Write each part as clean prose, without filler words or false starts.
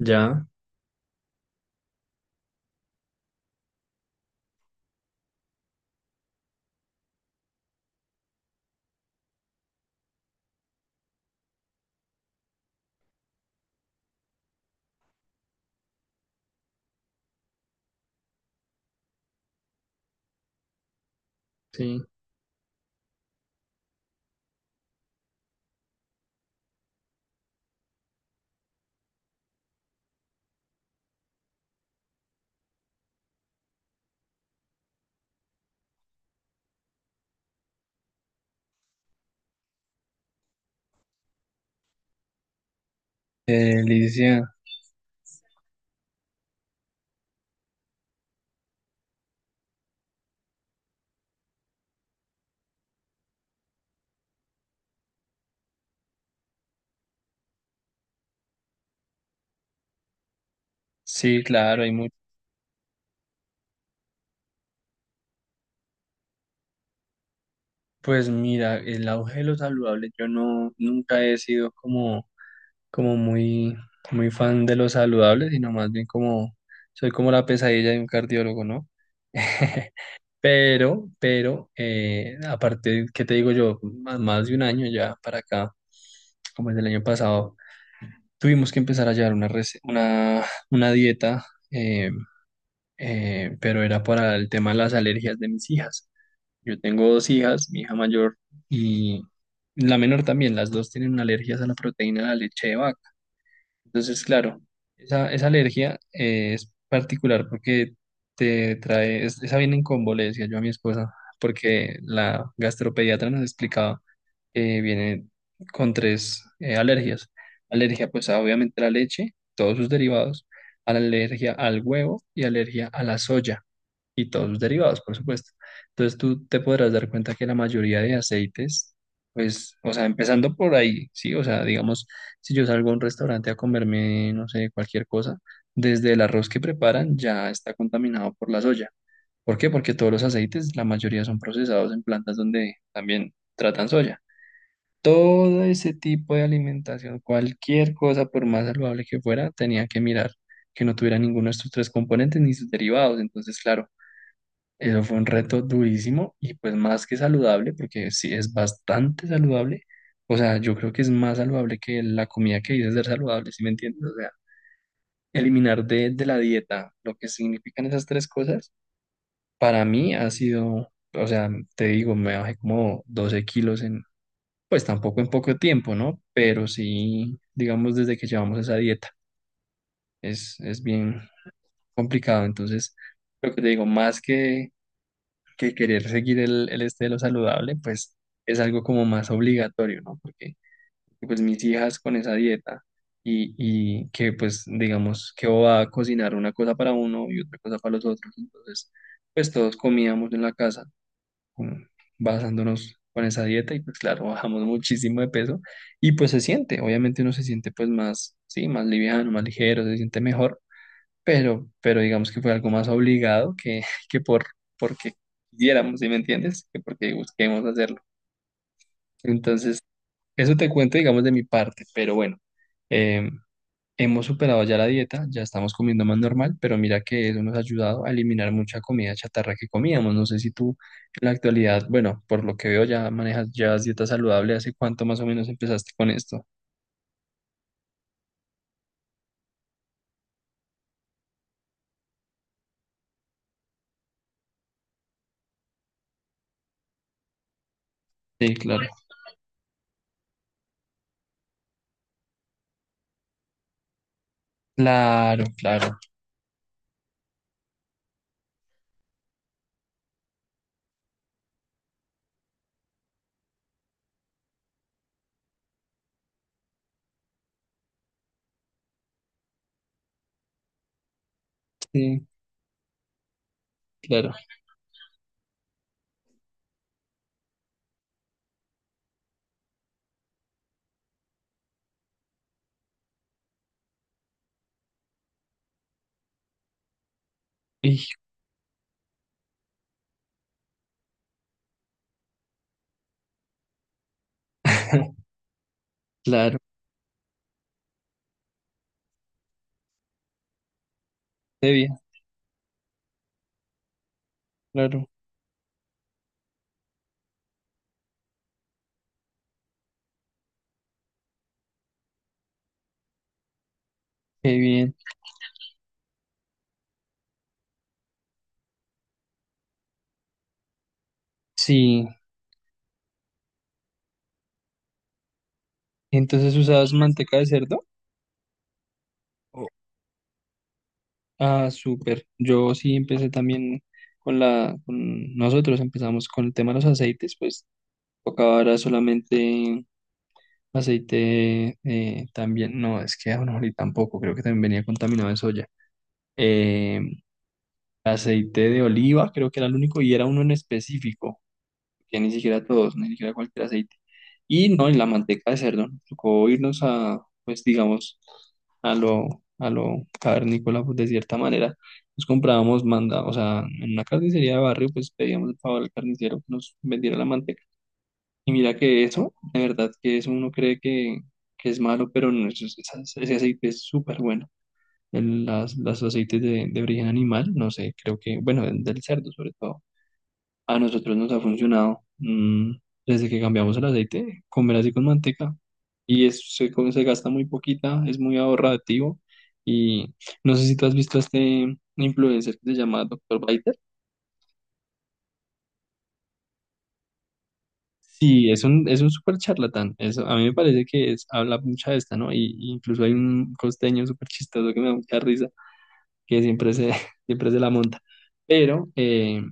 Ya, sí. Licia, sí, claro, hay mucho. Pues mira, el auge de lo saludable, yo no, nunca he sido como muy, muy fan de lo saludable, sino más bien como, soy como la pesadilla de un cardiólogo, ¿no? Pero, aparte, ¿qué te digo yo? Más de un año ya para acá, como el del año pasado, tuvimos que empezar a llevar una dieta. eh, pero era para el tema de las alergias de mis hijas. Yo tengo dos hijas, mi hija mayor y la menor también, las dos tienen alergias a la proteína de la leche de vaca. Entonces, claro, esa alergia es particular porque te trae, esa viene en combo, le decía yo a mi esposa, porque la gastropediatra nos explicaba que viene con tres alergias. Alergia, pues obviamente a la leche, todos sus derivados, a la alergia al huevo y alergia a la soya y todos los derivados, por supuesto. Entonces tú te podrás dar cuenta que la mayoría de aceites, pues, o sea, empezando por ahí, ¿sí? O sea, digamos, si yo salgo a un restaurante a comerme, no sé, cualquier cosa, desde el arroz que preparan ya está contaminado por la soya. ¿Por qué? Porque todos los aceites, la mayoría son procesados en plantas donde también tratan soya. Todo ese tipo de alimentación, cualquier cosa, por más saludable que fuera, tenía que mirar que no tuviera ninguno de estos tres componentes ni sus derivados. Entonces, claro. Eso fue un reto durísimo y pues más que saludable, porque sí es bastante saludable. O sea, yo creo que es más saludable que la comida que dices ser saludable, ¿sí me entiendes? O sea, eliminar de la dieta lo que significan esas tres cosas, para mí ha sido, o sea, te digo, me bajé como 12 kilos en, pues tampoco en poco tiempo, ¿no? Pero sí, digamos, desde que llevamos esa dieta, es bien complicado. Entonces, lo que te digo, más que querer seguir el este de lo saludable, pues es algo como más obligatorio, ¿no? Porque pues mis hijas con esa dieta y que pues digamos que va a cocinar una cosa para uno y otra cosa para los otros, entonces pues todos comíamos en la casa con- basándonos con esa dieta y pues claro, bajamos muchísimo de peso y pues se siente, obviamente uno se siente pues más, sí, más liviano, más ligero, se siente mejor pero digamos que fue algo más obligado que, que porque quisiéramos, ¿sí me entiendes? Que porque busquemos hacerlo. Entonces, eso te cuento, digamos, de mi parte, pero bueno, eh, hemos superado ya la dieta, ya estamos comiendo más normal, pero mira que eso nos ha ayudado a eliminar mucha comida chatarra que comíamos. No sé si tú en la actualidad, bueno, por lo que veo ya manejas, llevas dieta saludable, ¿hace cuánto más o menos empezaste con esto? Sí, claro. Claro, claro. Sí, claro. Y, claro, debía, claro. Qué bien. Sí. Entonces usabas manteca de cerdo. Oh. Ah, súper. Yo sí empecé también con nosotros empezamos con el tema de los aceites, pues tocaba ahora solamente aceite también. No, es que ahorita tampoco, creo que también venía contaminado de soya. Eh, Aceite de oliva, creo que era el único y era uno en específico. Que ni siquiera todos, ni siquiera cualquier aceite. Y no, en la manteca de cerdo, nos tocó irnos a, pues digamos, a lo cavernícola, pues de cierta manera. Nos comprábamos o sea, en una carnicería de barrio, pues pedíamos el favor al carnicero que nos vendiera la manteca. Y mira que eso, de verdad que eso uno cree que es malo, pero no, eso ese aceite es súper bueno. Los aceites de origen animal, no sé, creo que, bueno, del cerdo sobre todo. A nosotros nos ha funcionado desde que cambiamos el aceite, comer así con manteca. Y se gasta muy poquita, es muy ahorrativo. Y no sé si tú has visto a este influencer que se llama Doctor Biter. Sí, es un súper charlatán. Eso, a mí me parece que es, habla mucha de esta, ¿no? Y incluso hay un costeño súper chistoso que me da mucha risa, que siempre se, siempre se la monta. Pero, eh,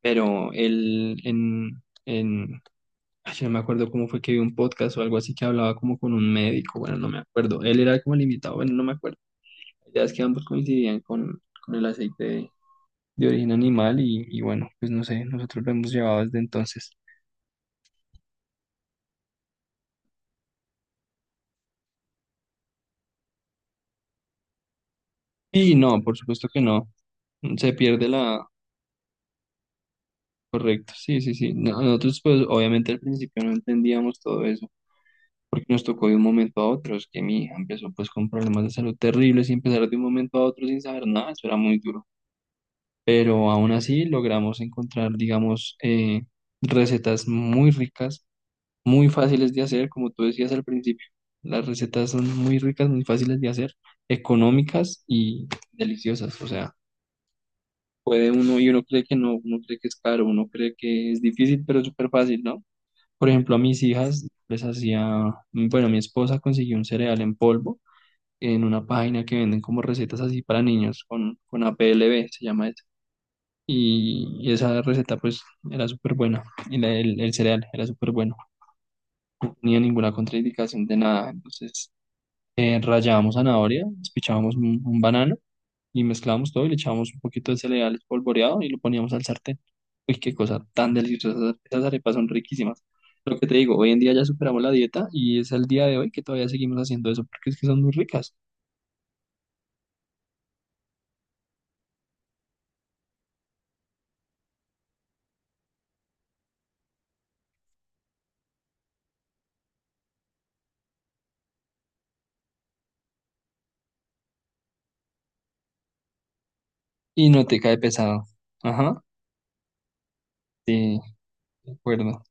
pero él en, ay, yo no me acuerdo cómo fue que vi un podcast o algo así que hablaba como con un médico, bueno, no me acuerdo. Él era como el invitado, bueno, no me acuerdo. Ya es que ambos coincidían con el aceite de origen animal y bueno, pues no sé, nosotros lo hemos llevado desde entonces. Y no, por supuesto que no, se pierde la. Correcto, sí, sí, sí. No, nosotros pues obviamente al principio no entendíamos todo eso, porque nos tocó de un momento a otro, es que mi hija empezó pues con problemas de salud terribles y empezar de un momento a otro sin saber nada, eso era muy duro. Pero aún así logramos encontrar, digamos, recetas muy ricas, muy fáciles de hacer, como tú decías al principio. Las recetas son muy ricas, muy fáciles de hacer, económicas y deliciosas. O sea, puede uno y uno cree que no, uno cree que es caro, uno cree que es difícil, pero es súper fácil, ¿no? Por ejemplo, a mis hijas les hacía, bueno, mi esposa consiguió un cereal en polvo en una página que venden como recetas así para niños con a p l APLV, se llama y esa receta pues era súper buena, y el cereal era súper bueno, no tenía ninguna contraindicación de nada, entonces rallábamos zanahoria, despichábamos un banano y mezclábamos todo y le echábamos un poquito de cereal espolvoreado y lo poníamos al sartén. Uy, qué cosa tan deliciosa, esas arepas son riquísimas. Lo que te digo, hoy en día ya superamos la dieta y es el día de hoy que todavía seguimos haciendo eso porque es que son muy ricas y no te cae pesado. Ajá, sí, de acuerdo,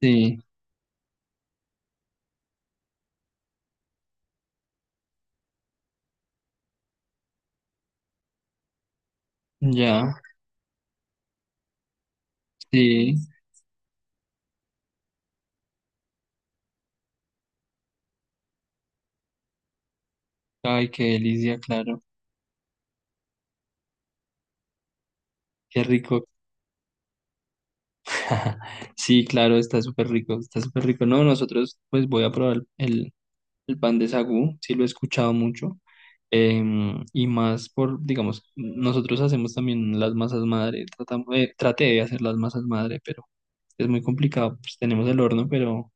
sí, ya, sí. Ay, qué delicia, claro. Qué rico. Sí, claro, está súper rico, está súper rico. No, nosotros, pues voy a probar el pan de sagú, sí lo he escuchado mucho. Y más por, digamos, nosotros hacemos también las masas madre, traté de hacer las masas madre, pero es muy complicado, pues tenemos el horno, pero,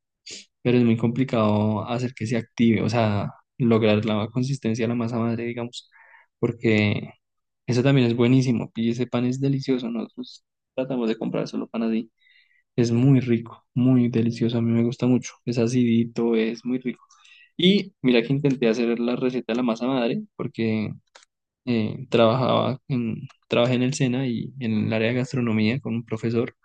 pero es muy complicado hacer que se active, o sea, lograr la consistencia de la masa madre, digamos, porque eso también es buenísimo. Y ese pan es delicioso, ¿no? Nosotros tratamos de comprar solo pan así. Es muy rico, muy delicioso. A mí me gusta mucho. Es acidito, es muy rico. Y mira que intenté hacer la receta de la masa madre porque eh, trabajaba en, trabajé en el SENA y en el área de gastronomía con un profesor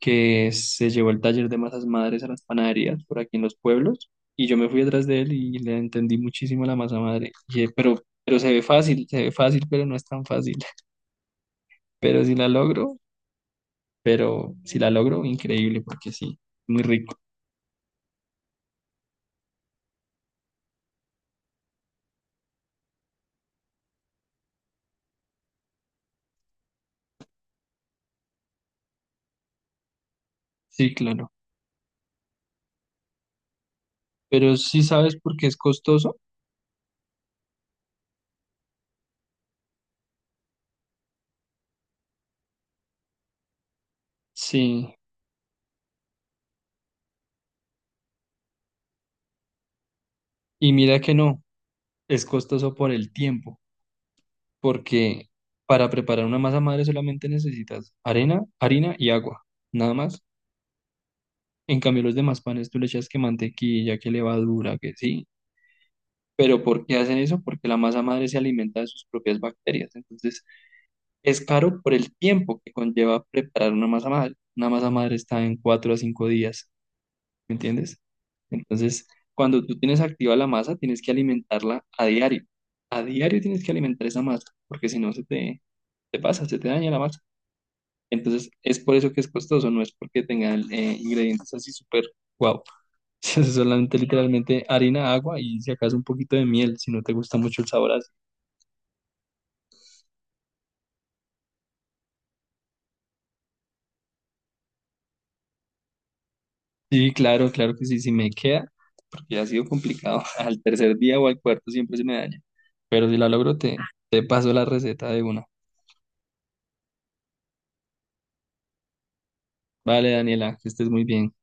que se llevó el taller de masas madres a las panaderías por aquí en los pueblos. Y yo me fui detrás de él y le entendí muchísimo la masa madre. Pero se ve fácil, pero no es tan fácil. Pero si la logro. Pero si la logro, increíble, porque sí, muy rico. Sí, claro. Pero sí sabes por qué es costoso. Sí, y mira que no, es costoso por el tiempo, porque para preparar una masa madre solamente necesitas arena, harina y agua, nada más. En cambio, los demás panes tú le echas que mantequilla, que levadura, que sí. Pero ¿por qué hacen eso? Porque la masa madre se alimenta de sus propias bacterias. Entonces, es caro por el tiempo que conlleva preparar una masa madre. Una masa madre está en 4 a 5 días. ¿Me entiendes? Entonces, cuando tú tienes activa la masa, tienes que alimentarla a diario. A diario tienes que alimentar esa masa, porque si no se te, te pasa, se te daña la masa. Entonces, es por eso que es costoso, no es porque tengan ingredientes así súper guau. Es solamente literalmente harina, agua y si acaso un poquito de miel, si no te gusta mucho el sabor así. Sí, claro, claro que sí, sí me queda, porque ha sido complicado. Al tercer día o al cuarto siempre se me daña. Pero si la logro, te paso la receta de una. Vale, Daniela, que estés muy bien.